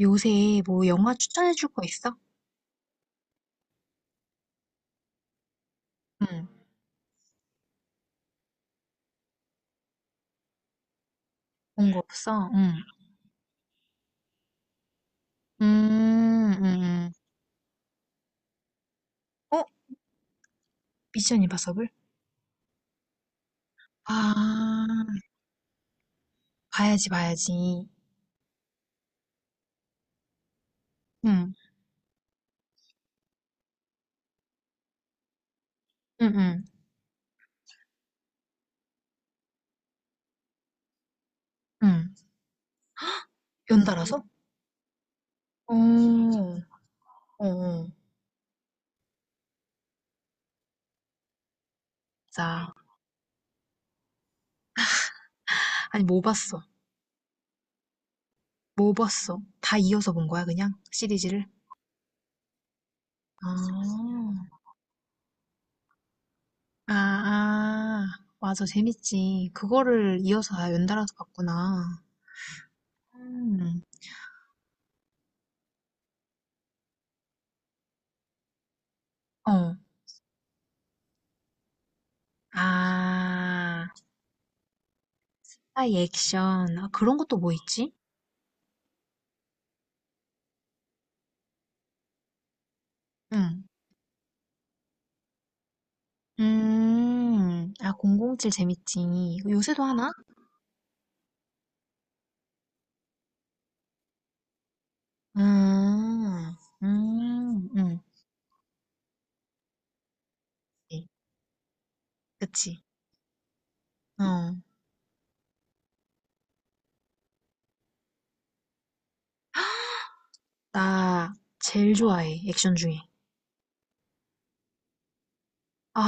요새 뭐 영화 추천해줄 거 있어? 응. 본 거 없어? 응. 음, 음, 어? 미션 임파서블? 아, 봐야지, 봐야지. 응, 응, 응, 응. 연달아서? 어, 어, 어. 자, 아니, 뭐 봤어? 뭐 봤어? 다 이어서 본 거야, 그냥? 시리즈를? 아, 아, 아. 맞아, 재밌지. 그거를 이어서 다 연달아서 봤구나. 음, 어. 아, 스파이 액션. 아, 그런 것도 뭐 있지? 응. 아, 007 재밌지. 이거 요새도 하나? 음, 음, 음. 네. 그치. 어. 나 제일 좋아해, 액션 중에. 아,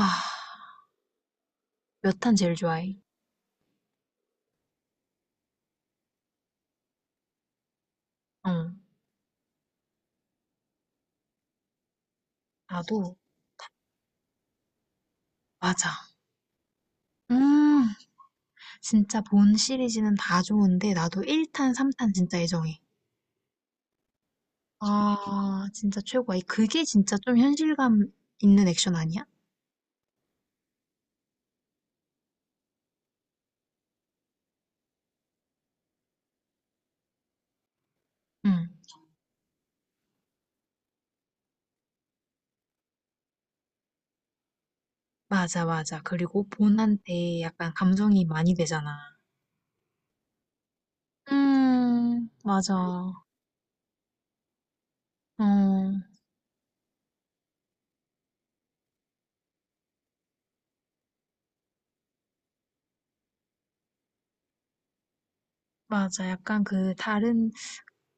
몇 탄 제일 좋아해. 응, 나도, 맞아. 음, 진짜 본 시리즈는 다 좋은데, 나도 1탄, 3탄 진짜 애정해. 아, 진짜 최고야. 그게 진짜 좀 현실감 있는 액션 아니야? 응. 맞아, 맞아. 그리고 본한테 약간 감정이 많이 되잖아. 맞아. 어, 맞아. 약간 그 다른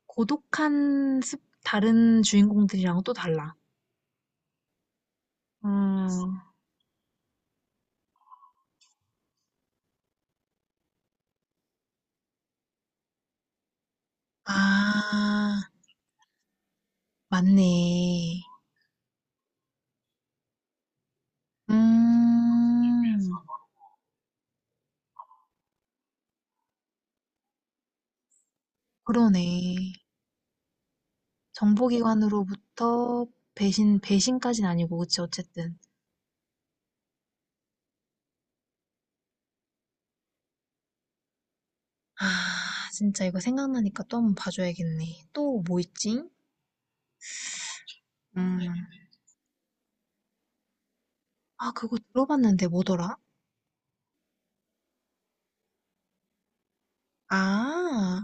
고독한 습, 다른 주인공들이랑 또 달라. 음, 아, 맞네. 음, 그러네. 정보기관으로부터 배신, 배신까진 아니고, 그치, 어쨌든. 아, 진짜 이거 생각나니까 또 한 번 봐줘야겠네. 또 뭐 있지? 음, 아, 그거 들어봤는데 뭐더라? 아,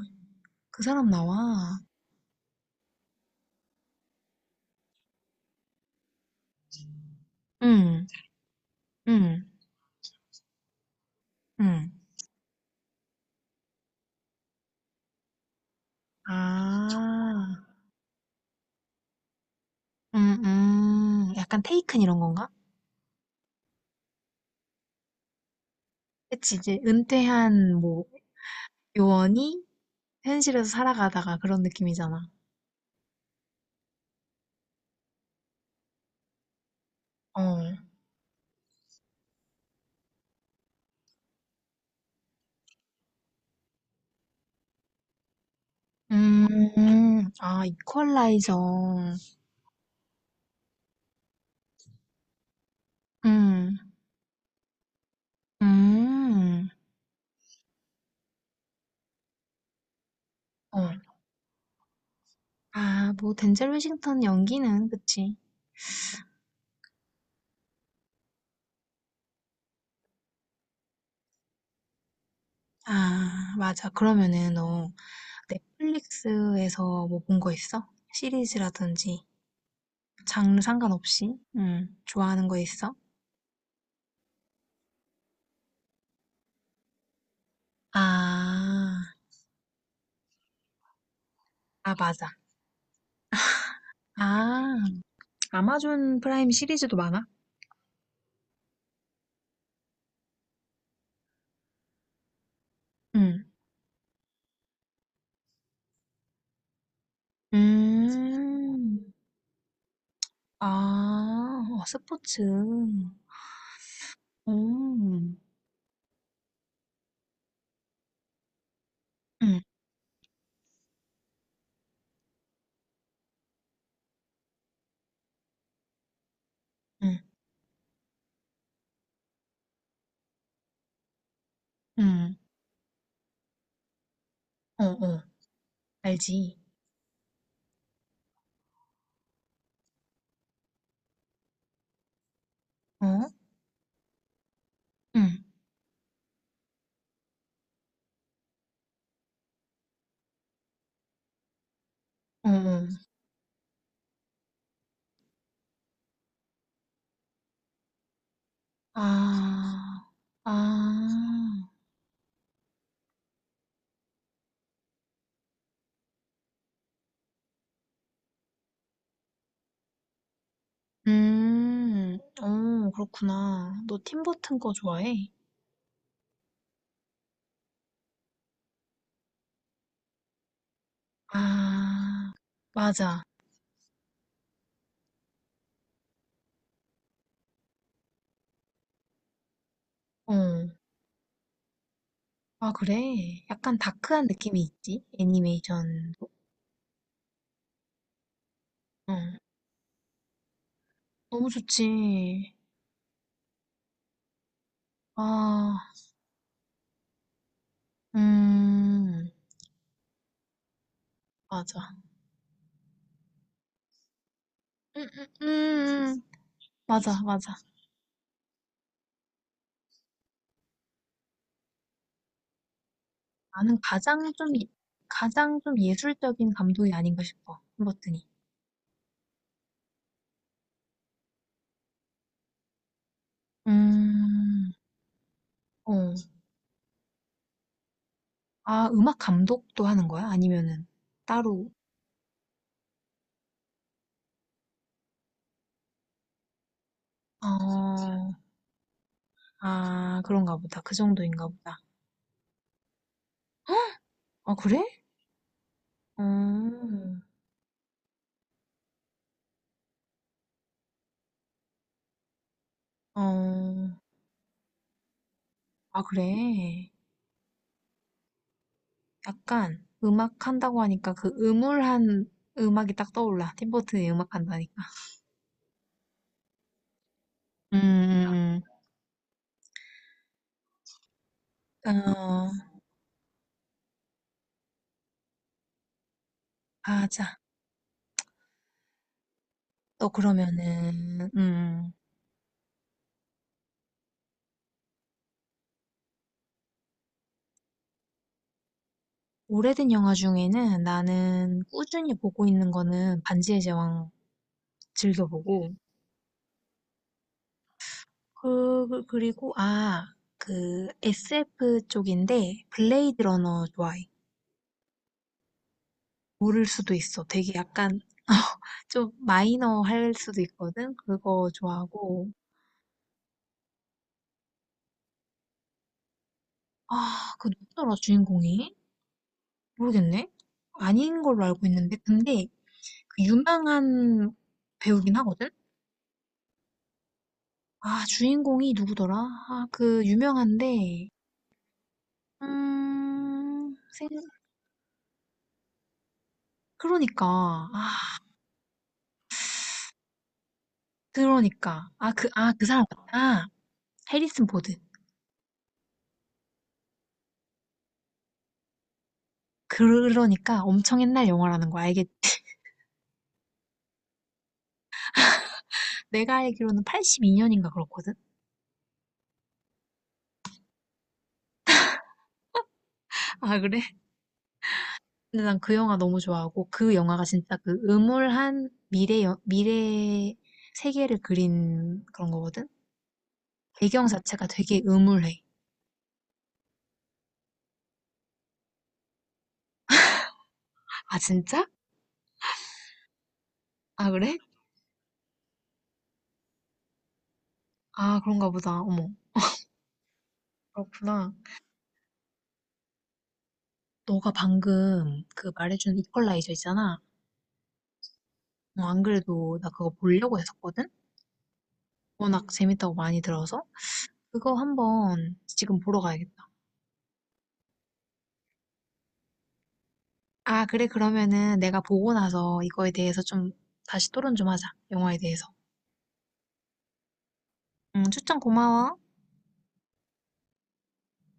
그 사람 나와. 응, 응, 응. 아, 약간 테이큰 이런 건가? 그치, 이제 은퇴한 뭐 요원이 현실에서 살아가다가 그런 느낌이잖아. 어. 음, 아, 이퀄라이저. 음, 음. 어. 아, 뭐 덴젤 워싱턴 연기는 그치. 아, 맞아. 그러면은 너 네. 넷플릭스에서 뭐 본거 있어? 시리즈라든지 장르 상관없이? 응. 좋아하는 거 있어? 아, 아 맞아. 아, 아마존 프라임 시리즈도 많아? 응. 음. 아, 어, 스포츠. 응, 음. 응, 응. 응. 어, 어. 알지? 어? 응. 어, 어. 아, 아. 음. 오 그렇구나. 너 팀 버튼 거 좋아해? 아, 맞아. 어. 아, 그래? 약간 다크한 느낌이 있지? 애니메이션. 어. 너무 좋지. 아, 음. 맞아. 음. 맞아, 맞아. 나는 가장 좀 예술적인 감독이 아닌가 싶어. 팀 버튼이. 음. 어. 아, 음악 감독도 하는 거야? 아니면은 따로? 아.. 아, 그런가 보다. 그 정도인가 보다. 아, 그래? 어, 어, 아, 그래. 약간 음악 한다고 하니까 그 음울한 음악이 딱 떠올라. 팀버튼이 음악 한다니까. 음, 음, 어, 아자 너 그러면은, 오래된 영화 중에는 나는 꾸준히 보고 있는 거는 반지의 제왕 즐겨보고, 그리고, 아, 그 SF 쪽인데 블레이드 러너 좋아해. 모를 수도 있어. 되게 약간 좀 마이너 할 수도 있거든. 그거 좋아하고. 아, 그 누구더라 주인공이? 모르겠네. 아닌 걸로 알고 있는데 근데 그 유명한 배우긴 하거든. 아, 주인공이 누구더라? 아, 그 유명한데 생 그러니까 아, 그러니까 아, 그, 아, 그 사람 같다. 아, 해리슨 보드. 그러니까 엄청 옛날 영화라는 거 알겠지? 내가 알기로는 82년인가 그렇거든. 아, 그래? 근데 난 그 영화 너무 좋아하고 그 영화가 진짜 그 음울한 미래 세계를 그린 그런 거거든. 배경 자체가 되게 음울해. 아 진짜? 아 그래? 아 그런가 보다. 어머 그렇구나. 너가 방금 그 말해준 이퀄라이저 있잖아. 어, 안 그래도 나 그거 보려고 했었거든. 워낙 재밌다고 많이 들어서 그거 한번 지금 보러 가야겠다. 아 그래 그러면은 내가 보고 나서 이거에 대해서 좀 다시 토론 좀 하자. 영화에 대해서. 응 추천 고마워.